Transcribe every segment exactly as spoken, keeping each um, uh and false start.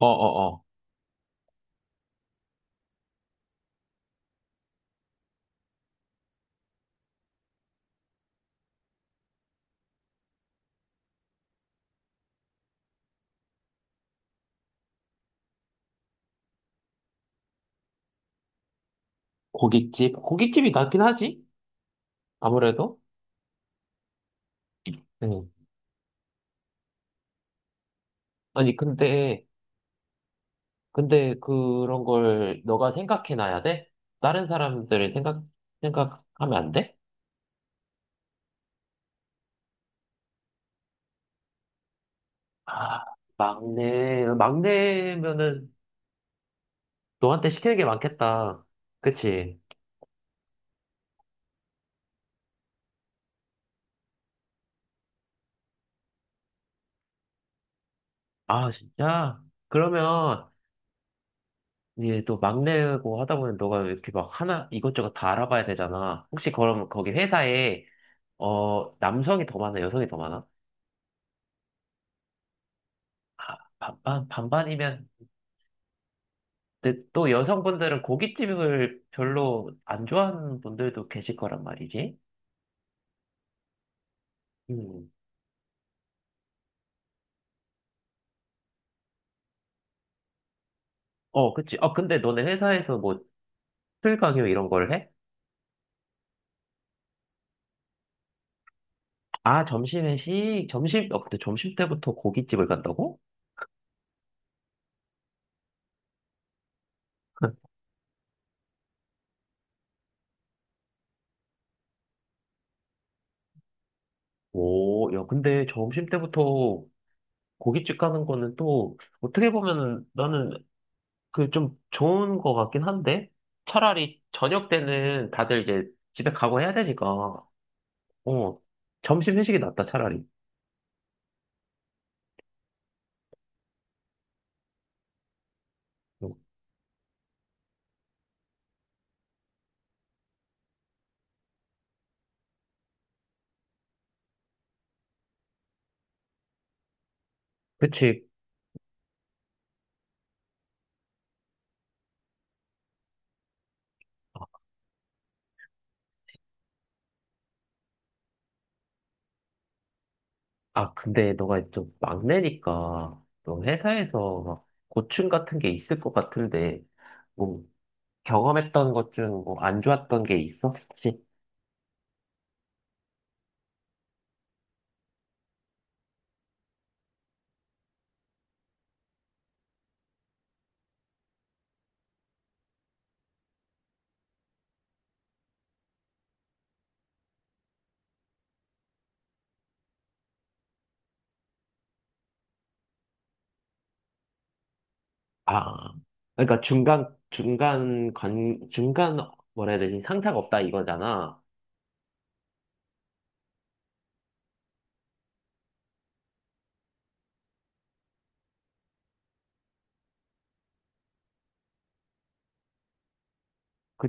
어어어. 고깃집? 고깃집이 낫긴 하지? 아무래도? 응. 아니, 근데, 근데 그런 걸 너가 생각해놔야 돼? 다른 사람들을 생각, 생각하면 안 돼? 아, 막내, 막내면은 너한테 시키는 게 많겠다. 그치? 아, 진짜? 그러면, 이제 또 막내고 하다 보면 너가 이렇게 막 하나, 이것저것 다 알아봐야 되잖아. 혹시 그럼 거기 회사에, 어, 남성이 더 많아, 여성이 더 많아? 반반, 반반이면, 근데 또 여성분들은 고깃집을 별로 안 좋아하는 분들도 계실 거란 말이지. 음. 어, 그치. 아, 근데 너네 회사에서 뭐, 술 강요 이런 걸 해? 아, 점심 회식? 점심, 어, 근데 점심 때부터 고깃집을 간다고? 오, 야, 근데 점심 때부터 고깃집 가는 거는 또, 어떻게 보면은 나는 그 좀 좋은 거 같긴 한데? 차라리 저녁 때는 다들 이제 집에 가고 해야 되니까, 어, 점심 회식이 낫다, 차라리. 그치. 아, 아, 근데 너가 좀 막내니까, 너 회사에서 막 고충 같은 게 있을 것 같은데, 뭐, 경험했던 것 중 뭐 안 좋았던 게 있어? 혹시? 아, 그러니까 중간, 중간 관, 중간, 뭐라 해야 되지? 상사가 없다 이거잖아. 그,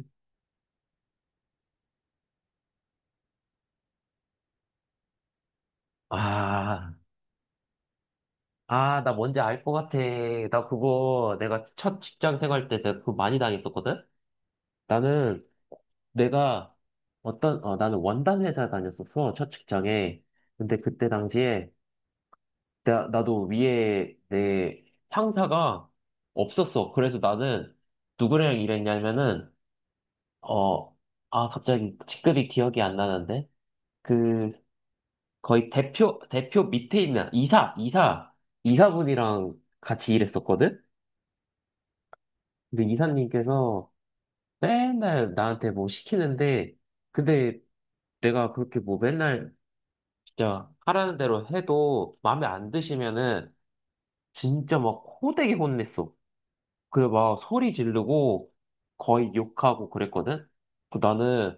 아, 아, 나 뭔지 알 것 같아. 나 그거 내가 첫 직장 생활 때 내가 그거 많이 당했었거든? 나는 내가 어떤, 어, 나는 원단 회사 다녔었어, 첫 직장에. 근데 그때 당시에 나, 나도 위에 내 상사가 없었어. 그래서 나는 누구랑 일했냐면은, 어, 아, 갑자기 직급이 기억이 안 나는데? 그, 거의 대표, 대표 밑에 있는 이사, 이사, 이사분이랑 같이 일했었거든? 근데 이사님께서 맨날 나한테 뭐 시키는데, 근데 내가 그렇게 뭐 맨날 진짜 하라는 대로 해도 마음에 안 드시면은 진짜 막 호되게 혼냈어. 그래고막 소리 지르고 거의 욕하고 그랬거든? 그 나는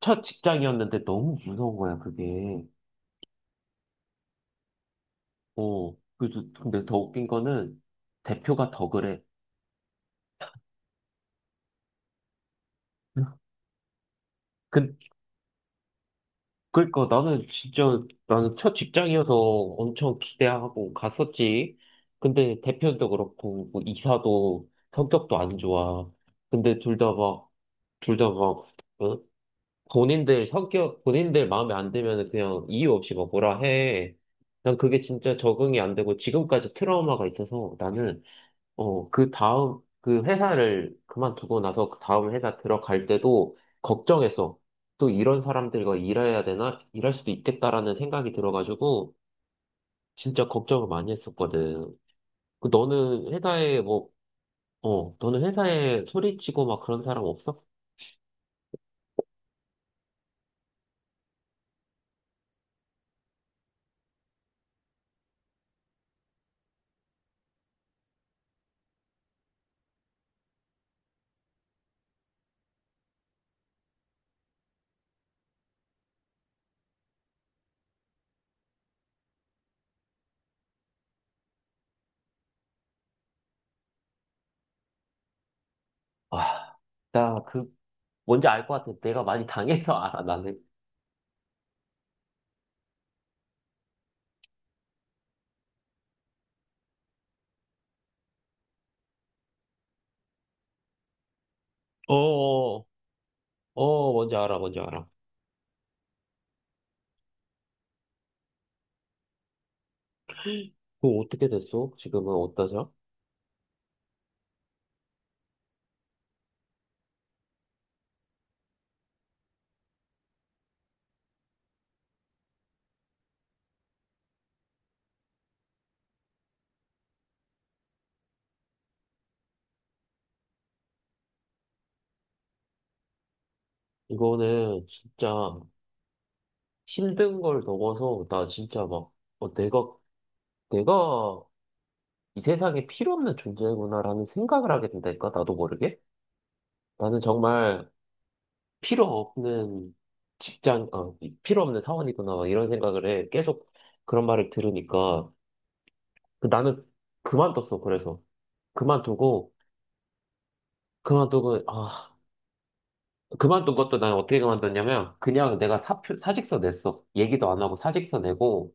첫 직장이었는데 너무 무서운 거야, 그게. 어. 그래서 근데 더 웃긴 거는 대표가 더 그래. 근데 그러니까 나는 진짜 나는 첫 직장이어서 엄청 기대하고 갔었지. 근데 대표도 그렇고 뭐 이사도 성격도 안 좋아. 근데 둘 다 막, 둘 다 막, 어? 본인들 성격, 본인들 마음에 안 들면 그냥 이유 없이 막 뭐라 해. 난 그게 진짜 적응이 안 되고 지금까지 트라우마가 있어서 나는 어, 그 다음, 그 회사를 그만두고 나서 그 다음 회사 들어갈 때도 걱정했어. 또 이런 사람들과 일해야 되나? 일할 수도 있겠다라는 생각이 들어가지고 진짜 걱정을 많이 했었거든. 그 너는 회사에 뭐, 어, 너는 회사에 소리치고 막 그런 사람 없어? 아, 나 그, 뭔지 알 것 같아. 내가 많이 당해서 알아, 나는. 어, 어, 어, 뭔지 알아, 뭔지 알아. 그거 어떻게 됐어? 지금은 어떠셔? 이거는 진짜 힘든 걸 넘어서 나 진짜 막 어, 내가 내가 이 세상에 필요 없는 존재구나라는 생각을 하게 된다니까 나도 모르게 나는 정말 필요 없는 직장 어, 이- 필요 없는 사원이구나 막 이런 생각을 해 계속 그런 말을 들으니까 그 나는 그만뒀어. 그래서 그만두고 그만두고 아 그만둔 것도 난 어떻게 그만뒀냐면 그냥 내가 사표 사직서 냈어. 얘기도 안 하고 사직서 내고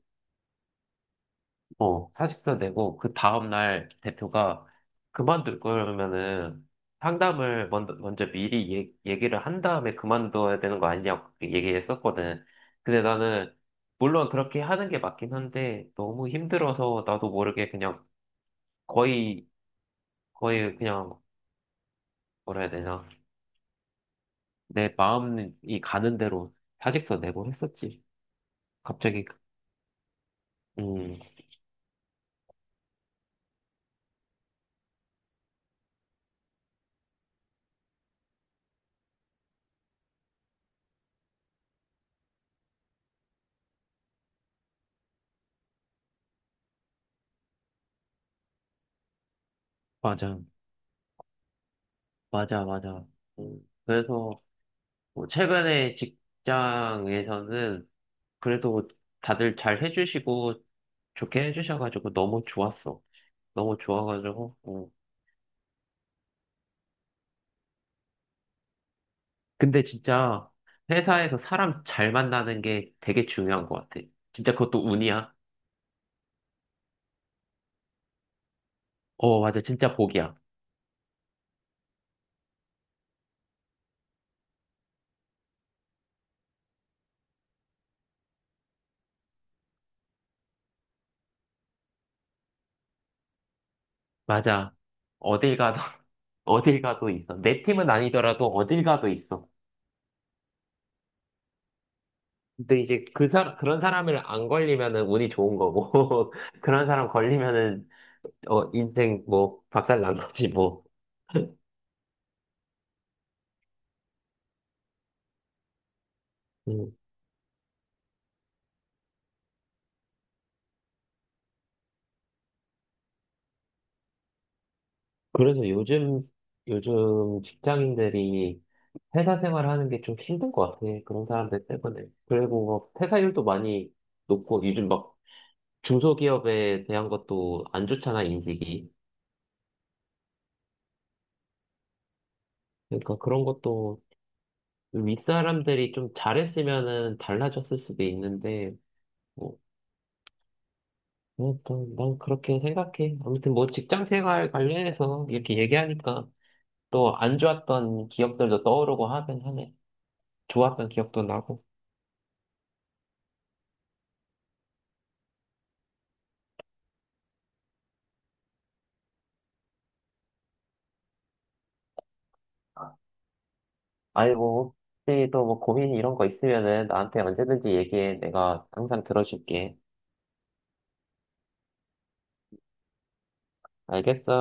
어, 사직서 내고, 그 다음날 대표가 그만둘 거면은 상담을 먼저, 먼저 미리 얘- 얘기를 한 다음에 그만둬야 되는 거 아니냐고 그렇게 얘기했었거든. 근데 나는, 물론 그렇게 하는 게 맞긴 한데, 너무 힘들어서 나도 모르게 그냥 거의, 거의 그냥, 뭐라 해야 되나. 내 마음이 가는 대로 사직서 내고 했었지. 갑자기, 그, 음, 맞아, 맞아, 맞아. 음, 그래서, 뭐 최근에 직장에서는 그래도 다들 잘 해주시고 좋게 해주셔가지고 너무 좋았어. 너무 좋아가지고. 어. 근데 진짜 회사에서 사람 잘 만나는 게 되게 중요한 것 같아. 진짜 그것도 운이야. 어, 맞아. 진짜 복이야. 맞아. 어딜 가도, 어딜 가도 있어. 내 팀은 아니더라도 어딜 가도 있어. 근데 이제 그 사람, 그런 사람을 안 걸리면은 운이 좋은 거고, 그런 사람 걸리면은 어, 인생 뭐 박살 난 거지 뭐. 음, 그래서 요즘 요즘 직장인들이 회사 생활하는 게 좀 힘든 것 같아. 그런 사람들 때문에. 그리고 뭐 퇴사율도 많이 높고 요즘 막 중소기업에 대한 것도 안 좋잖아 인식이. 그러니까 그런 것도 윗사람들이 좀 잘했으면은 달라졌을 수도 있는데 뭐. 아무튼 난 그렇게 생각해. 아무튼 뭐 직장 생활 관련해서 이렇게 얘기하니까 또 안 좋았던 기억들도 떠오르고 하긴 하네. 좋았던 기억도 나고. 아니, 뭐, 혹시 또 뭐 고민 이런 거 있으면은 나한테 언제든지 얘기해. 내가 항상 들어줄게. 알겠어.